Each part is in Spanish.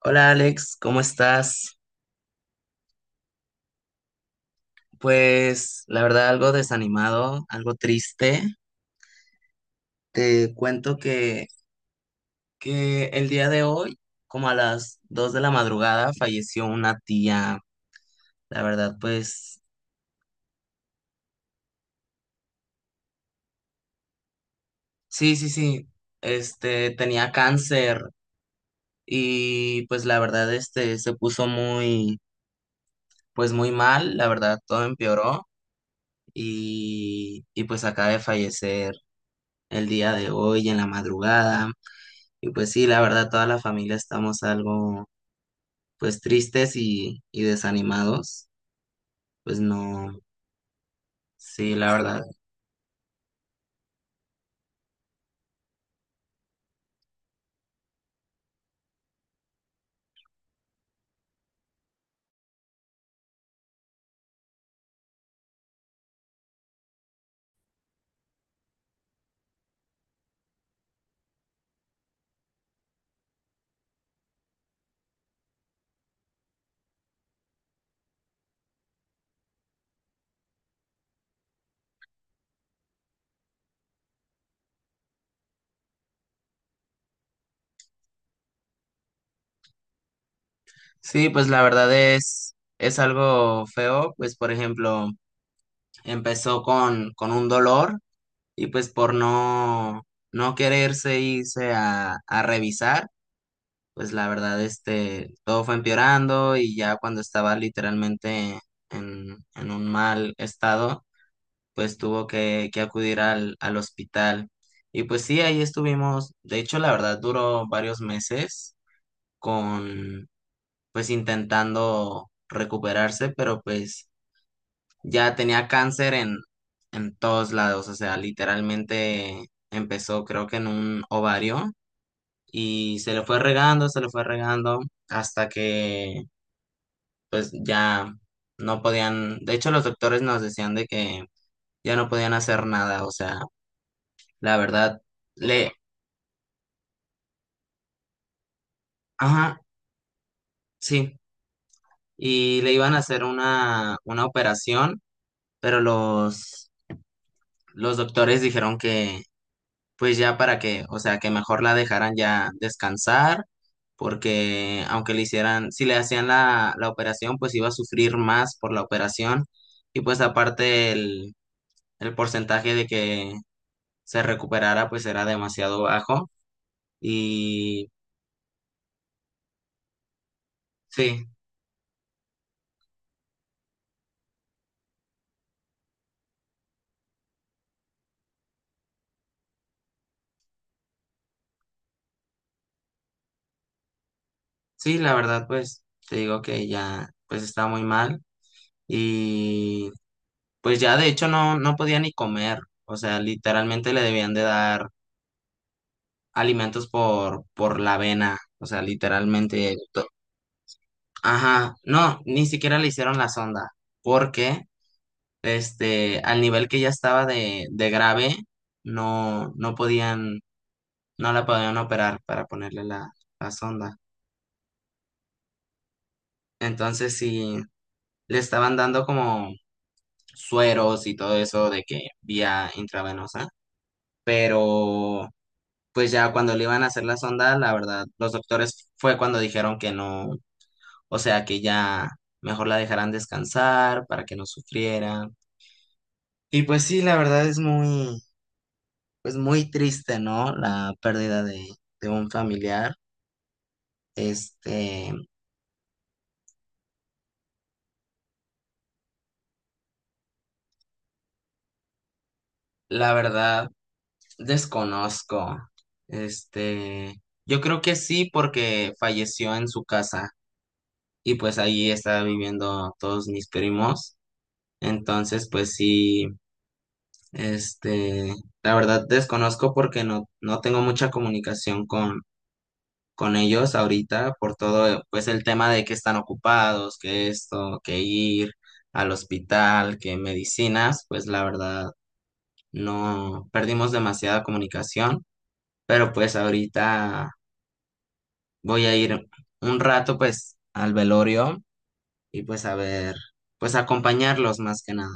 Hola Alex, ¿cómo estás? Pues la verdad algo desanimado, algo triste. Te cuento que el día de hoy, como a las 2 de la madrugada, falleció una tía. La verdad, pues sí, sí, sí. Tenía cáncer y pues la verdad se puso muy pues muy mal, la verdad todo empeoró y pues acaba de fallecer el día de hoy en la madrugada. Y pues sí, la verdad, toda la familia estamos algo, pues tristes y desanimados. Pues no, sí, la verdad. Sí, pues la verdad es algo feo. Pues por ejemplo, empezó con un dolor y pues por no quererse irse a revisar, pues la verdad, todo fue empeorando y ya cuando estaba literalmente en un mal estado pues tuvo que acudir al hospital. Y pues sí, ahí estuvimos, de hecho, la verdad, duró varios meses con, pues intentando recuperarse, pero pues ya tenía cáncer en todos lados, o sea, literalmente empezó creo que en un ovario y se le fue regando hasta que pues ya no podían, de hecho los doctores nos decían de que ya no podían hacer nada, o sea, la verdad, le, ajá, sí, y le iban a hacer una operación, pero los doctores dijeron que, pues ya para que, o sea, que mejor la dejaran ya descansar, porque aunque le hicieran, si le hacían la operación, pues iba a sufrir más por la operación, y pues aparte el porcentaje de que se recuperara, pues era demasiado bajo, y sí. Sí, la verdad, pues te digo que ya, pues está muy mal y pues ya de hecho no podía ni comer, o sea, literalmente le debían de dar alimentos por la vena, o sea, literalmente, ajá, no, ni siquiera le hicieron la sonda, porque al nivel que ya estaba de grave, no, no podían, no la podían operar para ponerle la sonda, entonces sí, le estaban dando como sueros y todo eso de que vía intravenosa, pero pues ya cuando le iban a hacer la sonda, la verdad, los doctores fue cuando dijeron que no, o sea, que ya mejor la dejaran descansar para que no sufriera. Y pues sí, la verdad es pues muy triste, ¿no? La pérdida de un familiar. Este, la verdad, desconozco. Este, yo creo que sí porque falleció en su casa. Y pues ahí estaba viviendo todos mis primos. Entonces, pues sí, este, la verdad desconozco porque no tengo mucha comunicación con ellos ahorita por todo, pues el tema de que están ocupados, que esto, que ir al hospital, que medicinas, pues la verdad no perdimos demasiada comunicación, pero pues ahorita voy a ir un rato pues al velorio y pues a ver, pues acompañarlos más que nada.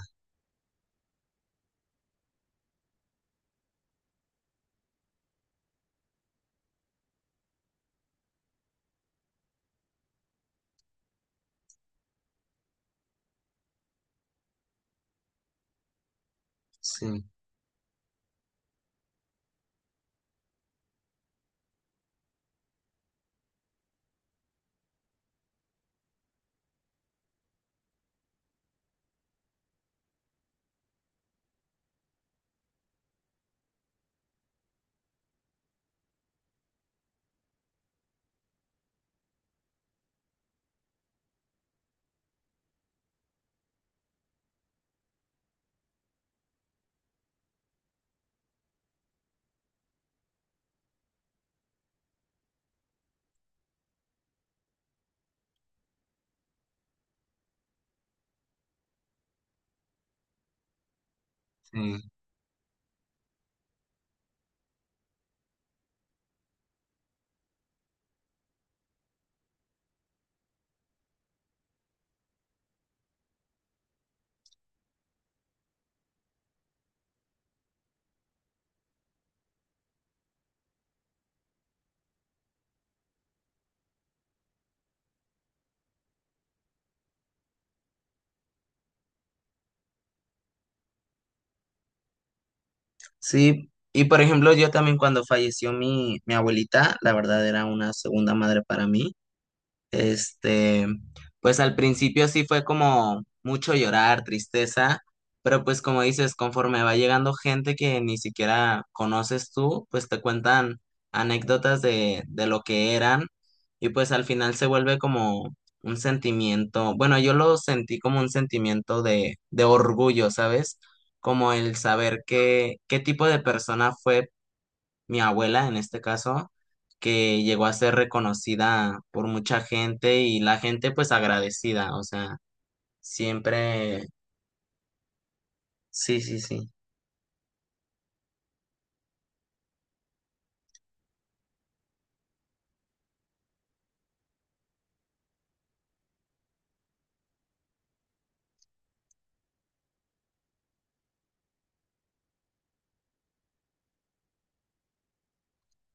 Sí, sí. Sí, y por ejemplo, yo también cuando falleció mi abuelita, la verdad era una segunda madre para mí. Este, pues al principio sí fue como mucho llorar, tristeza, pero pues como dices, conforme va llegando gente que ni siquiera conoces tú, pues te cuentan anécdotas de lo que eran y pues al final se vuelve como un sentimiento, bueno, yo lo sentí como un sentimiento de orgullo, ¿sabes? Como el saber qué tipo de persona fue mi abuela en este caso, que llegó a ser reconocida por mucha gente y la gente pues agradecida, o sea, siempre, sí, sí, sí,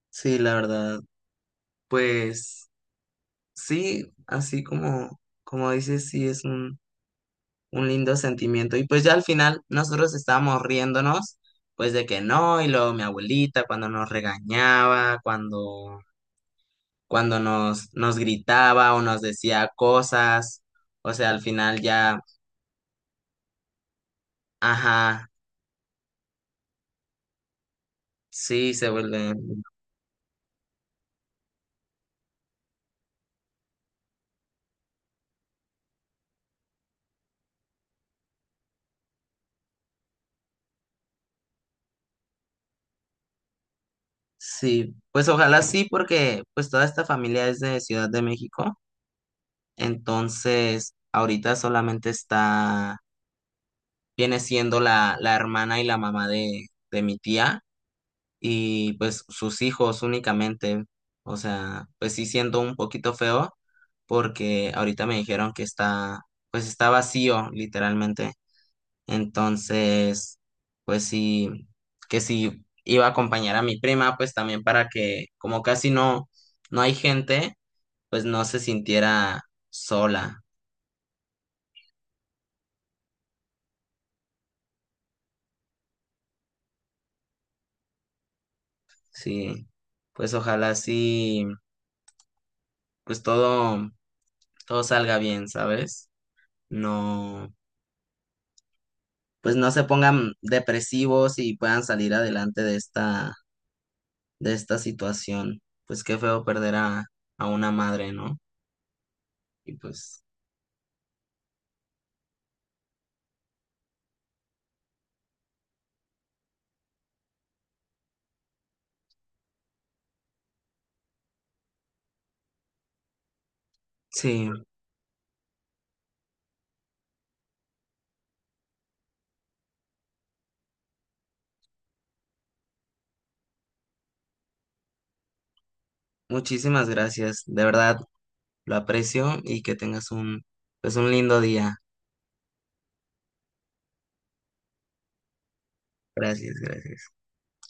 sí, la verdad, pues sí, así como dices, sí, es un lindo sentimiento. Y pues ya al final nosotros estábamos riéndonos, pues de que no, y luego mi abuelita cuando nos regañaba, cuando nos gritaba o nos decía cosas. O sea, al final ya. Ajá, sí, se vuelve. Sí, pues ojalá sí, porque pues toda esta familia es de Ciudad de México, entonces ahorita solamente está, viene siendo la hermana y la mamá de mi tía y pues sus hijos únicamente. O sea, pues sí siento un poquito feo porque ahorita me dijeron que pues está vacío, literalmente. Entonces, pues sí, que sí iba a acompañar a mi prima, pues también para que, como casi no hay gente, pues no se sintiera sola. Sí, pues ojalá sí, pues todo salga bien, ¿sabes? No, pues no se pongan depresivos y puedan salir adelante de esta situación. Pues qué feo perder a una madre, ¿no? Y pues. Sí, muchísimas gracias. De verdad, lo aprecio y que tengas un lindo día. Gracias, gracias.